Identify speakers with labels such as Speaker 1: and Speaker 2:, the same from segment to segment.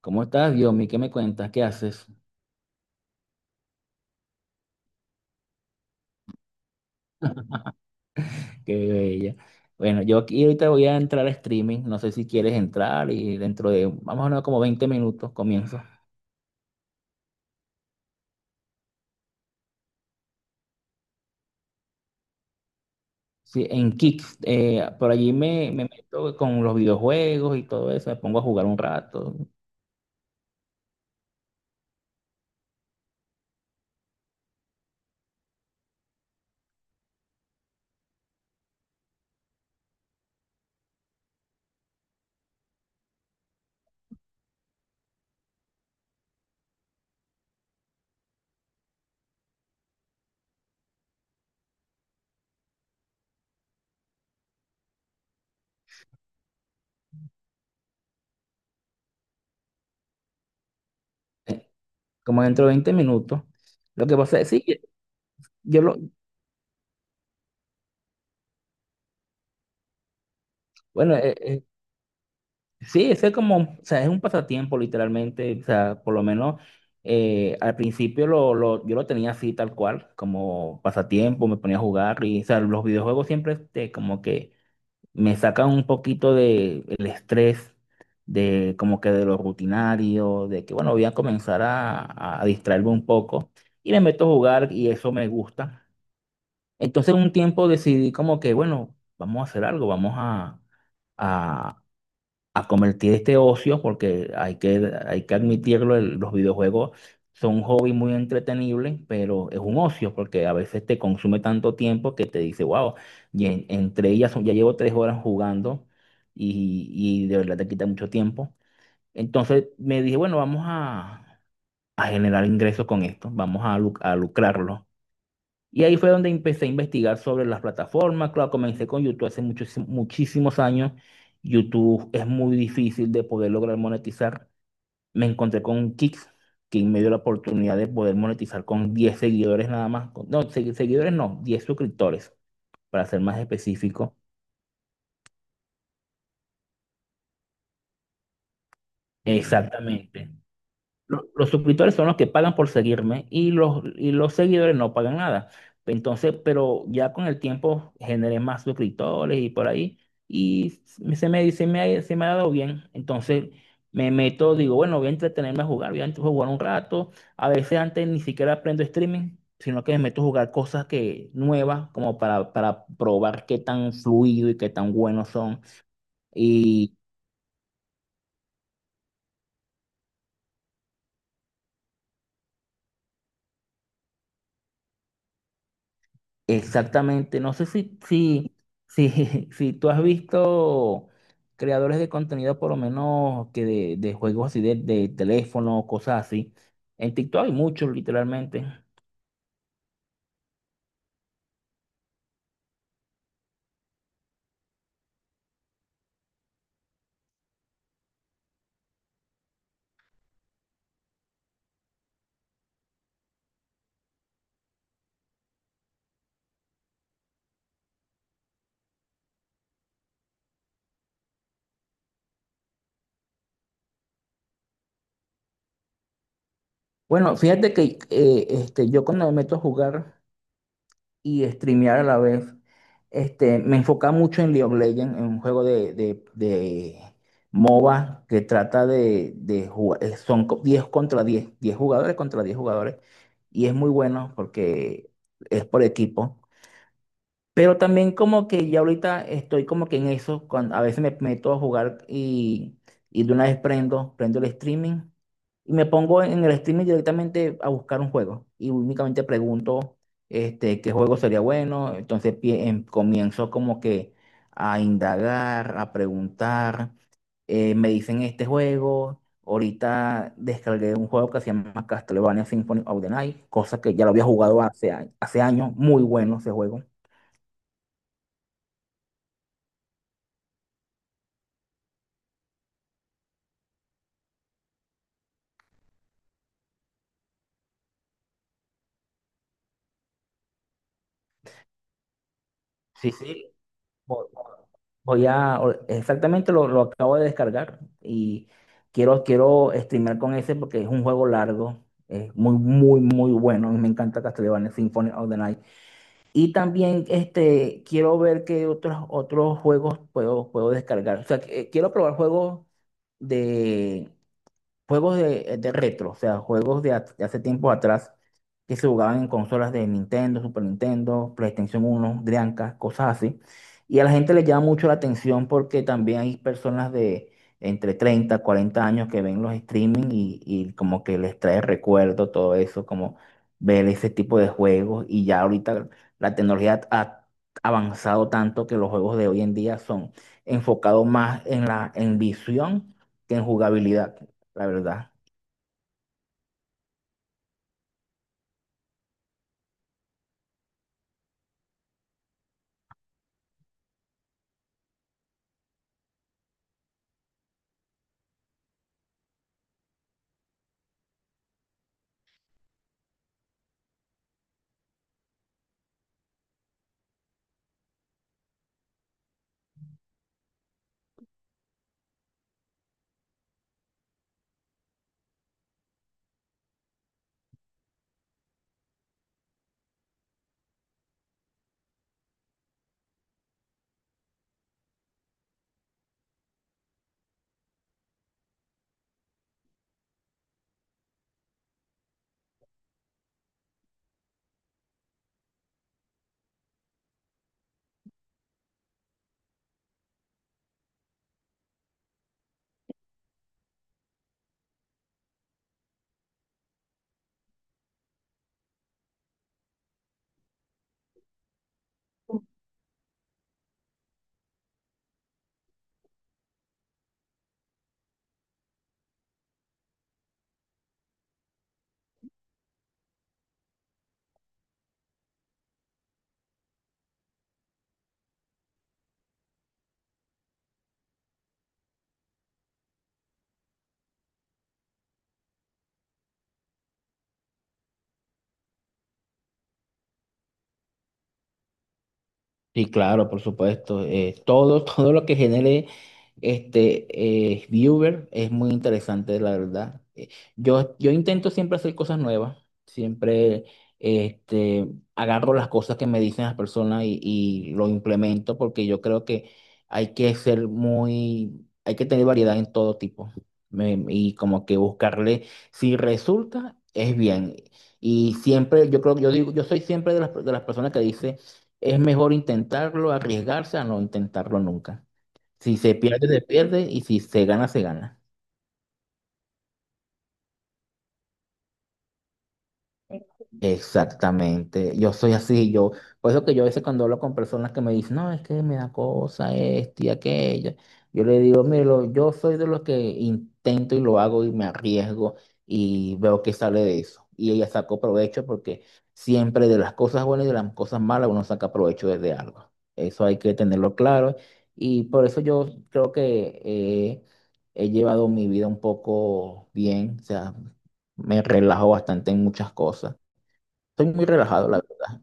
Speaker 1: ¿Cómo estás, Diomi? ¿Qué me cuentas? ¿Qué haces? Qué bella. Bueno, yo aquí ahorita voy a entrar a streaming. No sé si quieres entrar y dentro de, vamos a hablar como 20 minutos, comienzo. Sí, en Kick. Por allí me meto con los videojuegos y todo eso. Me pongo a jugar un rato. eh, Como dentro de 20 minutos. Lo que pasa es, sí, yo lo, bueno, sí, ese es como, o sea, es un pasatiempo literalmente, o sea, por lo menos al principio yo lo tenía así tal cual, como pasatiempo, me ponía a jugar y, o sea, los videojuegos siempre este, como que me sacan un poquito de el estrés, de como que de lo rutinario, de que bueno, voy a comenzar a distraerme un poco y me meto a jugar y eso me gusta. Entonces un tiempo decidí como que, bueno, vamos a hacer algo, vamos a convertir este ocio, porque hay que admitirlo, los videojuegos son un hobby muy entretenible, pero es un ocio, porque a veces te consume tanto tiempo que te dice, wow, y entre ellas ya llevo 3 horas jugando y de verdad te quita mucho tiempo. Entonces me dije, bueno, a generar ingresos con esto, vamos a, a lucrarlo. Y ahí fue donde empecé a investigar sobre las plataformas. Claro, comencé con YouTube hace muchísimos años. YouTube es muy difícil de poder lograr monetizar. Me encontré con Kick, que me dio la oportunidad de poder monetizar con 10 seguidores nada más. No, seguidores no, 10 suscriptores, para ser más específico. Exactamente. Los suscriptores son los que pagan por seguirme y los seguidores no pagan nada. Entonces, pero ya con el tiempo generé más suscriptores y por ahí. Y se me ha dado bien. Entonces me meto, digo, bueno, voy a entretenerme a jugar, voy a jugar un rato. A veces antes ni siquiera aprendo streaming, sino que me meto a jugar nuevas, como para probar qué tan fluido y qué tan buenos son. Exactamente, no sé si, si tú has visto creadores de contenido, por lo menos que de juegos así de teléfono, cosas así. En TikTok hay muchos, literalmente. Bueno, fíjate que este, yo cuando me meto a jugar y streamear a la vez. Este, me enfocaba mucho en League of Legends, en un juego de MOBA que trata de jugar, son 10 contra 10 jugadores contra 10 jugadores, y es muy bueno porque es por equipo. Pero también como que ya ahorita estoy como que en eso, cuando a veces me meto a jugar y de una vez prendo el streaming y me pongo en el streaming directamente a buscar un juego y únicamente pregunto este, qué juego sería bueno, entonces comienzo como que a indagar, a preguntar, me dicen este juego, ahorita descargué un juego que se llama Castlevania Symphony of the Night, cosa que ya lo había jugado hace, hace años, muy bueno ese juego. Sí, sí. Voy voy a, exactamente lo acabo de descargar y quiero, quiero streamear con ese porque es un juego largo, es muy bueno y me encanta Castlevania Symphony of the Night. Y también este, quiero ver qué otros juegos puedo, puedo descargar. O sea, que, quiero probar juegos de, juegos de retro, o sea, juegos de, de hace tiempo atrás que se jugaban en consolas de Nintendo, Super Nintendo, PlayStation uno, Dreamcast, cosas así. Y a la gente le llama mucho la atención porque también hay personas de entre 30, 40 años que ven los streaming y como que les trae recuerdo todo eso, como ver ese tipo de juegos. Y ya ahorita la tecnología ha avanzado tanto que los juegos de hoy en día son enfocados más en la en visión que en jugabilidad la verdad. Sí, claro, por supuesto. Todo, todo lo que genere este viewer es muy interesante, la verdad. Yo intento siempre hacer cosas nuevas, siempre este, agarro las cosas que me dicen las personas y lo implemento porque yo creo que hay que ser hay que tener variedad en todo tipo y como que buscarle, si resulta, es bien. Y siempre, yo creo, yo digo, yo soy siempre de de las personas que dice es mejor intentarlo, arriesgarse a no intentarlo nunca. Si se pierde, se pierde y si se gana, se gana. Exactamente, yo soy así, por eso que yo a veces cuando hablo con personas que me dicen, no, es que me da cosa esto y aquello, yo le digo, mire, yo soy de los que intento y lo hago y me arriesgo y veo que sale de eso. Y ella sacó provecho porque siempre de las cosas buenas y de las cosas malas uno saca provecho desde algo. Eso hay que tenerlo claro y por eso yo creo que he llevado mi vida un poco bien, o sea, me relajo bastante en muchas cosas. Estoy muy relajado, la verdad.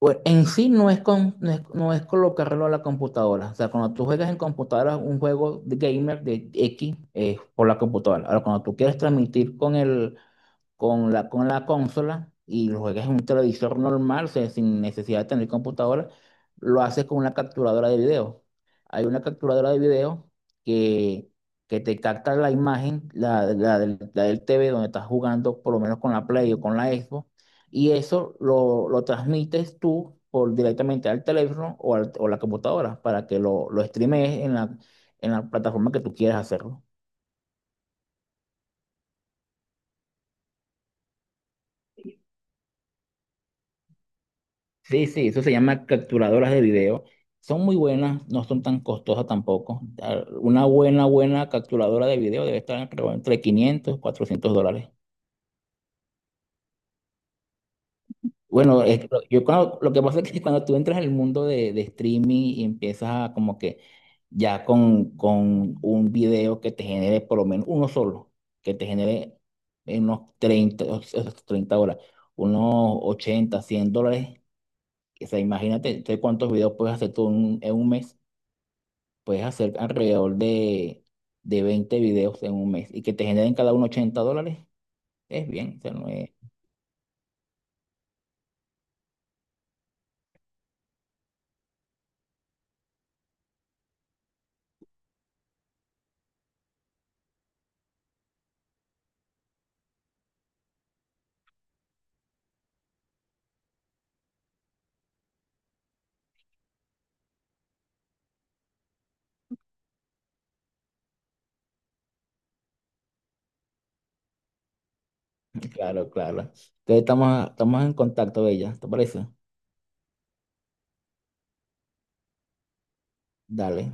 Speaker 1: Bueno, en sí no es, no es, no es colocarlo a la computadora. O sea, cuando tú juegas en computadora un juego de gamer de X, por la computadora. Ahora, cuando tú quieres transmitir con con la consola y lo juegas en un televisor normal, o sea, sin necesidad de tener computadora, lo haces con una capturadora de video. Hay una capturadora de video que, que te capta la imagen, la la del TV donde estás jugando, por lo menos con la Play o con la Xbox, y eso lo transmites tú por, directamente al teléfono o, o la computadora para que lo streames en en la plataforma que tú quieras hacerlo. Sí, sí, eso se llama capturadoras de video. Son muy buenas, no son tan costosas tampoco. Ah, una buena capturadora de video debe estar creo, entre 500, y $400. Bueno, lo que pasa es que cuando tú entras al mundo de streaming y empiezas a como que ya con un video que te genere por lo menos uno solo, que te genere en unos 30, o sea, 30 horas, unos $80, $100. O sea, imagínate, ¿tú ¿cuántos videos puedes hacer tú en un mes? Puedes hacer alrededor de 20 videos en un mes y que te generen cada uno $80. Es bien, o sea, no es- Claro, claro. Entonces estamos en contacto, Bella. ¿Te parece? Dale.